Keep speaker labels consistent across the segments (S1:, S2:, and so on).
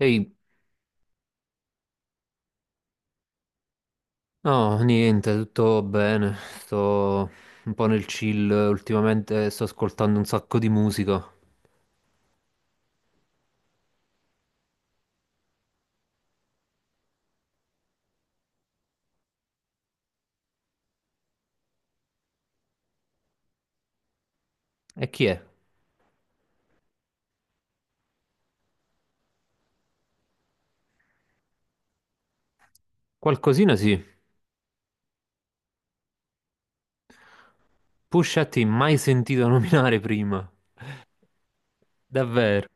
S1: Ehi, no, niente, tutto bene. Sto un po' nel chill ultimamente, sto ascoltando un sacco di musica. E chi è? Qualcosina sì. Pusha T, mai sentito nominare prima. Davvero.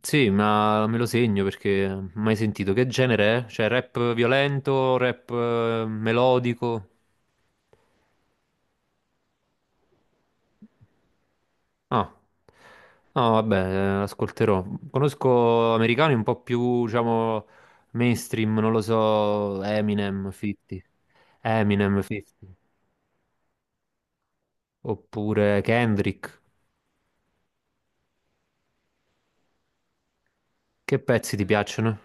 S1: Sì, ma me lo segno perché mai sentito. Che genere è? Cioè, rap violento, rap melodico? Ah, no, vabbè, ascolterò. Conosco americani un po' più, diciamo, mainstream, non lo so, Eminem, 50, oppure Kendrick. Che pezzi ti piacciono?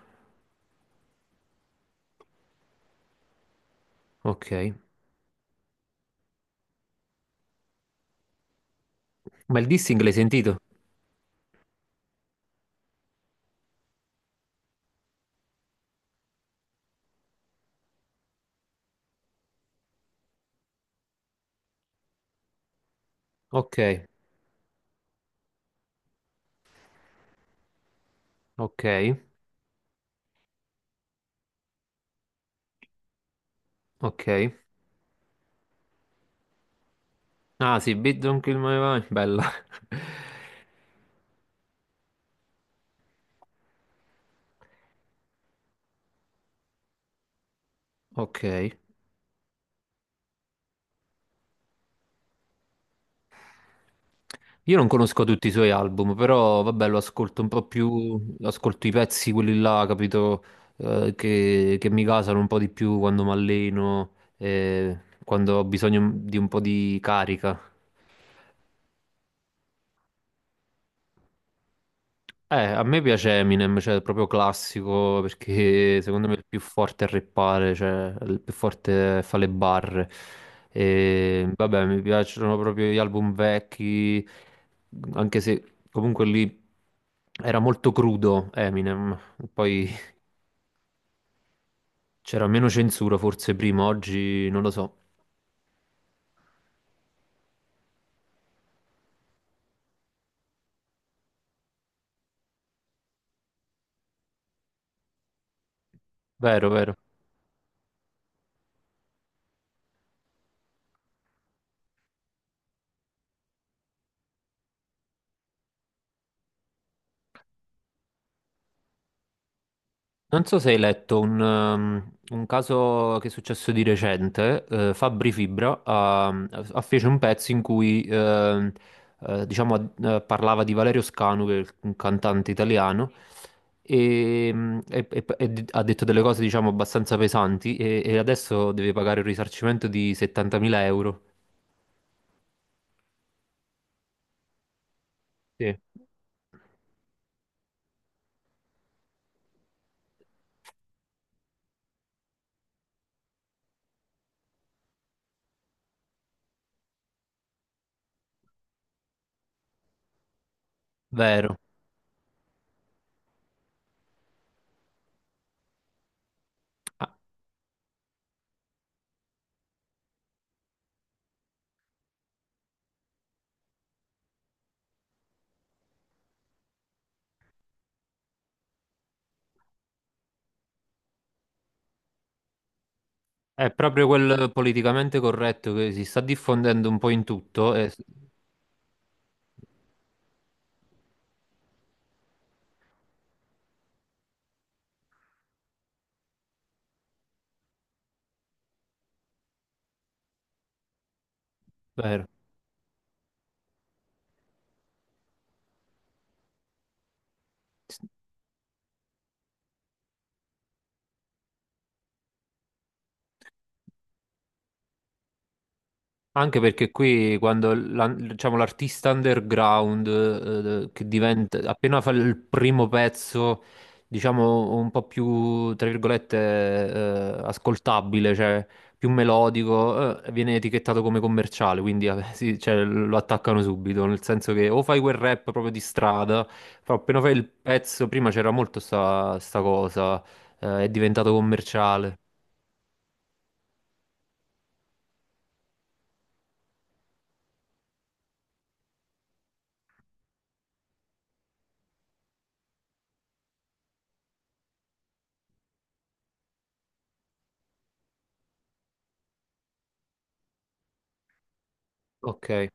S1: Ok. Ma il dissing l'hai sentito? Ok, ok, ok. Ah sì, Beat Don't Kill My Vibe, bella. Ok. Io non conosco tutti i suoi album, però vabbè, lo ascolto un po' più, ascolto i pezzi, quelli là, capito, che mi gasano un po' di più quando mi alleno, eh, quando ho bisogno di un po' di carica. A me piace Eminem, cioè proprio classico, perché secondo me è il più forte a rappare, cioè il più forte fa le barre. E, vabbè, mi piacciono proprio gli album vecchi, anche se comunque lì era molto crudo Eminem, poi c'era meno censura forse prima, oggi non lo so. Vero, vero. Non so se hai letto un caso che è successo di recente, Fabri Fibra ha fece un pezzo in cui diciamo, parlava di Valerio Scanu, che è un cantante italiano, e ha detto delle cose diciamo, abbastanza pesanti e adesso deve pagare un risarcimento di 70.000 euro. Sì. Vero. Ah, è proprio quel politicamente corretto che si sta diffondendo un po' in tutto. Vero. Anche perché qui quando diciamo, l'artista underground che diventa appena fa il primo pezzo, diciamo un po' più tra virgolette ascoltabile, cioè più melodico, viene etichettato come commerciale, quindi sì, cioè, lo attaccano subito, nel senso che o fai quel rap proprio di strada, però appena fai il pezzo, prima c'era molto sta cosa, è diventato commerciale. Ok,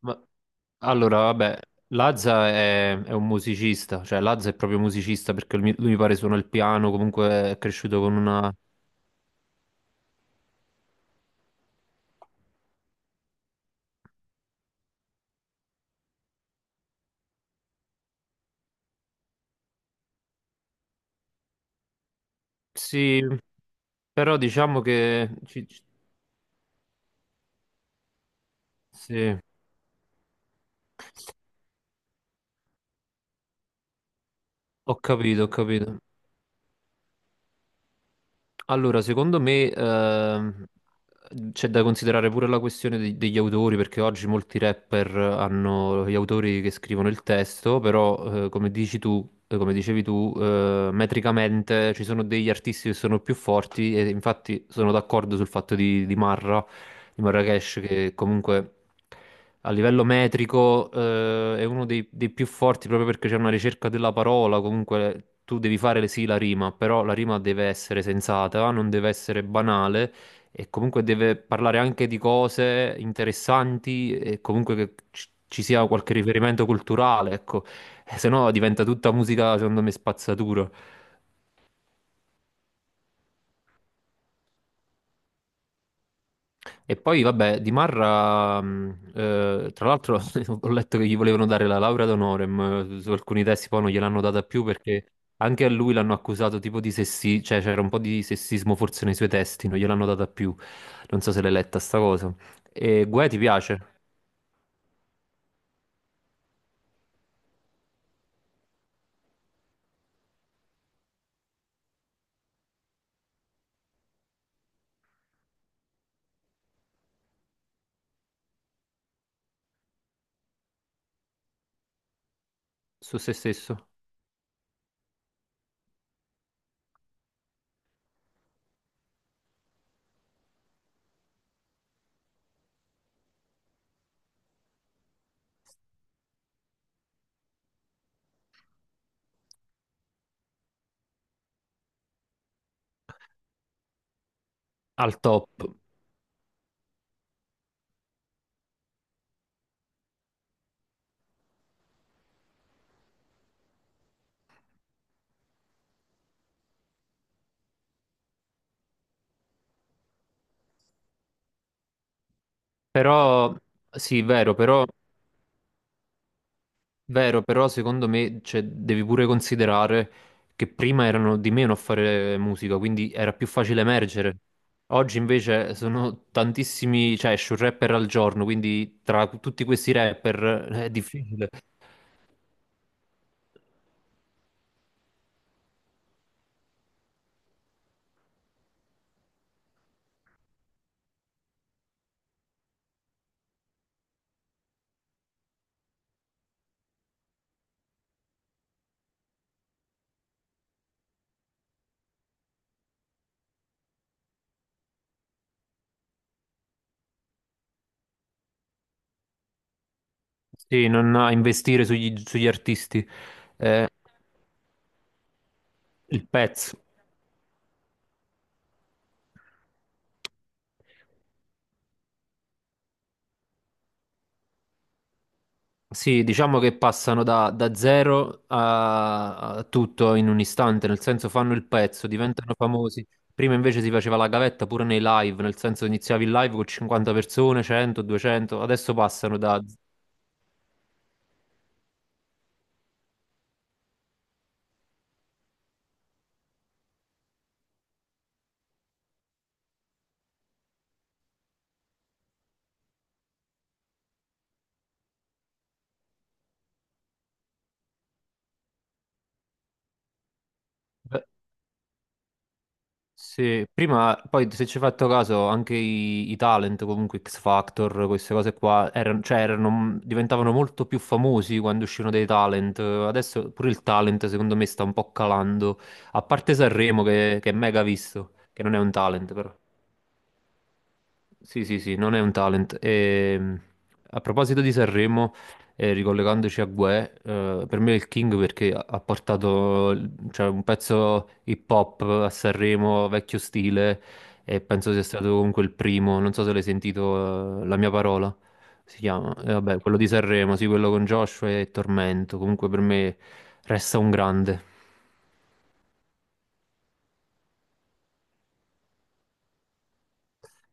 S1: ma allora, vabbè, Lazza è un musicista, cioè Lazza è proprio musicista perché lui mi pare suona il piano, comunque è cresciuto con una. Sì, però diciamo che. Sì, ho capito, ho capito. Allora, secondo me c'è da considerare pure la questione degli autori, perché oggi molti rapper hanno gli autori che scrivono il testo, però come dici tu, come dicevi tu, metricamente ci sono degli artisti che sono più forti e infatti sono d'accordo sul fatto di Marracash, che comunque a livello metrico, è uno dei più forti proprio perché c'è una ricerca della parola. Comunque tu devi fare sì la rima, però la rima deve essere sensata, non deve essere banale e comunque deve parlare anche di cose interessanti e comunque che ci sia qualche riferimento culturale, ecco. Se no diventa tutta musica, secondo me, spazzatura. E poi, vabbè, di Marra, tra l'altro, ho letto che gli volevano dare la laurea d'onore, ma su alcuni testi poi non gliel'hanno data più perché anche a lui l'hanno accusato tipo di sessismo, cioè c'era un po' di sessismo forse nei suoi testi, non gliel'hanno data più. Non so se l'hai letta sta cosa. E Guè ti piace? Su se stesso? Al top. Però, sì, vero, però vero, però secondo me, cioè, devi pure considerare che prima erano di meno a fare musica, quindi era più facile emergere. Oggi invece sono tantissimi, cioè esce un rapper al giorno, quindi tra tutti questi rapper è difficile. Sì, non ha investire sugli artisti, il pezzo. Sì, diciamo che passano da zero a tutto in un istante, nel senso fanno il pezzo, diventano famosi. Prima invece si faceva la gavetta pure nei live, nel senso iniziavi il live con 50 persone, 100, 200, adesso passano da. Sì, prima, poi se ci hai fatto caso, anche i talent, comunque X Factor, queste cose qua, erano, cioè, diventavano molto più famosi quando uscivano dei talent. Adesso pure il talent, secondo me, sta un po' calando. A parte Sanremo, che è mega visto, che non è un talent, però. Sì, sì, sì, non è un talent. A proposito di Sanremo, ricollegandoci a Guè, per me è il King perché ha portato cioè, un pezzo hip hop a Sanremo, vecchio stile, e penso sia stato comunque il primo. Non so se l'hai sentito, La mia parola si chiama. E vabbè, quello di Sanremo, sì, quello con Joshua e Tormento. Comunque per me resta un grande.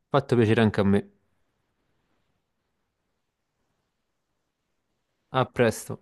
S1: Fatto piacere anche a me. A presto.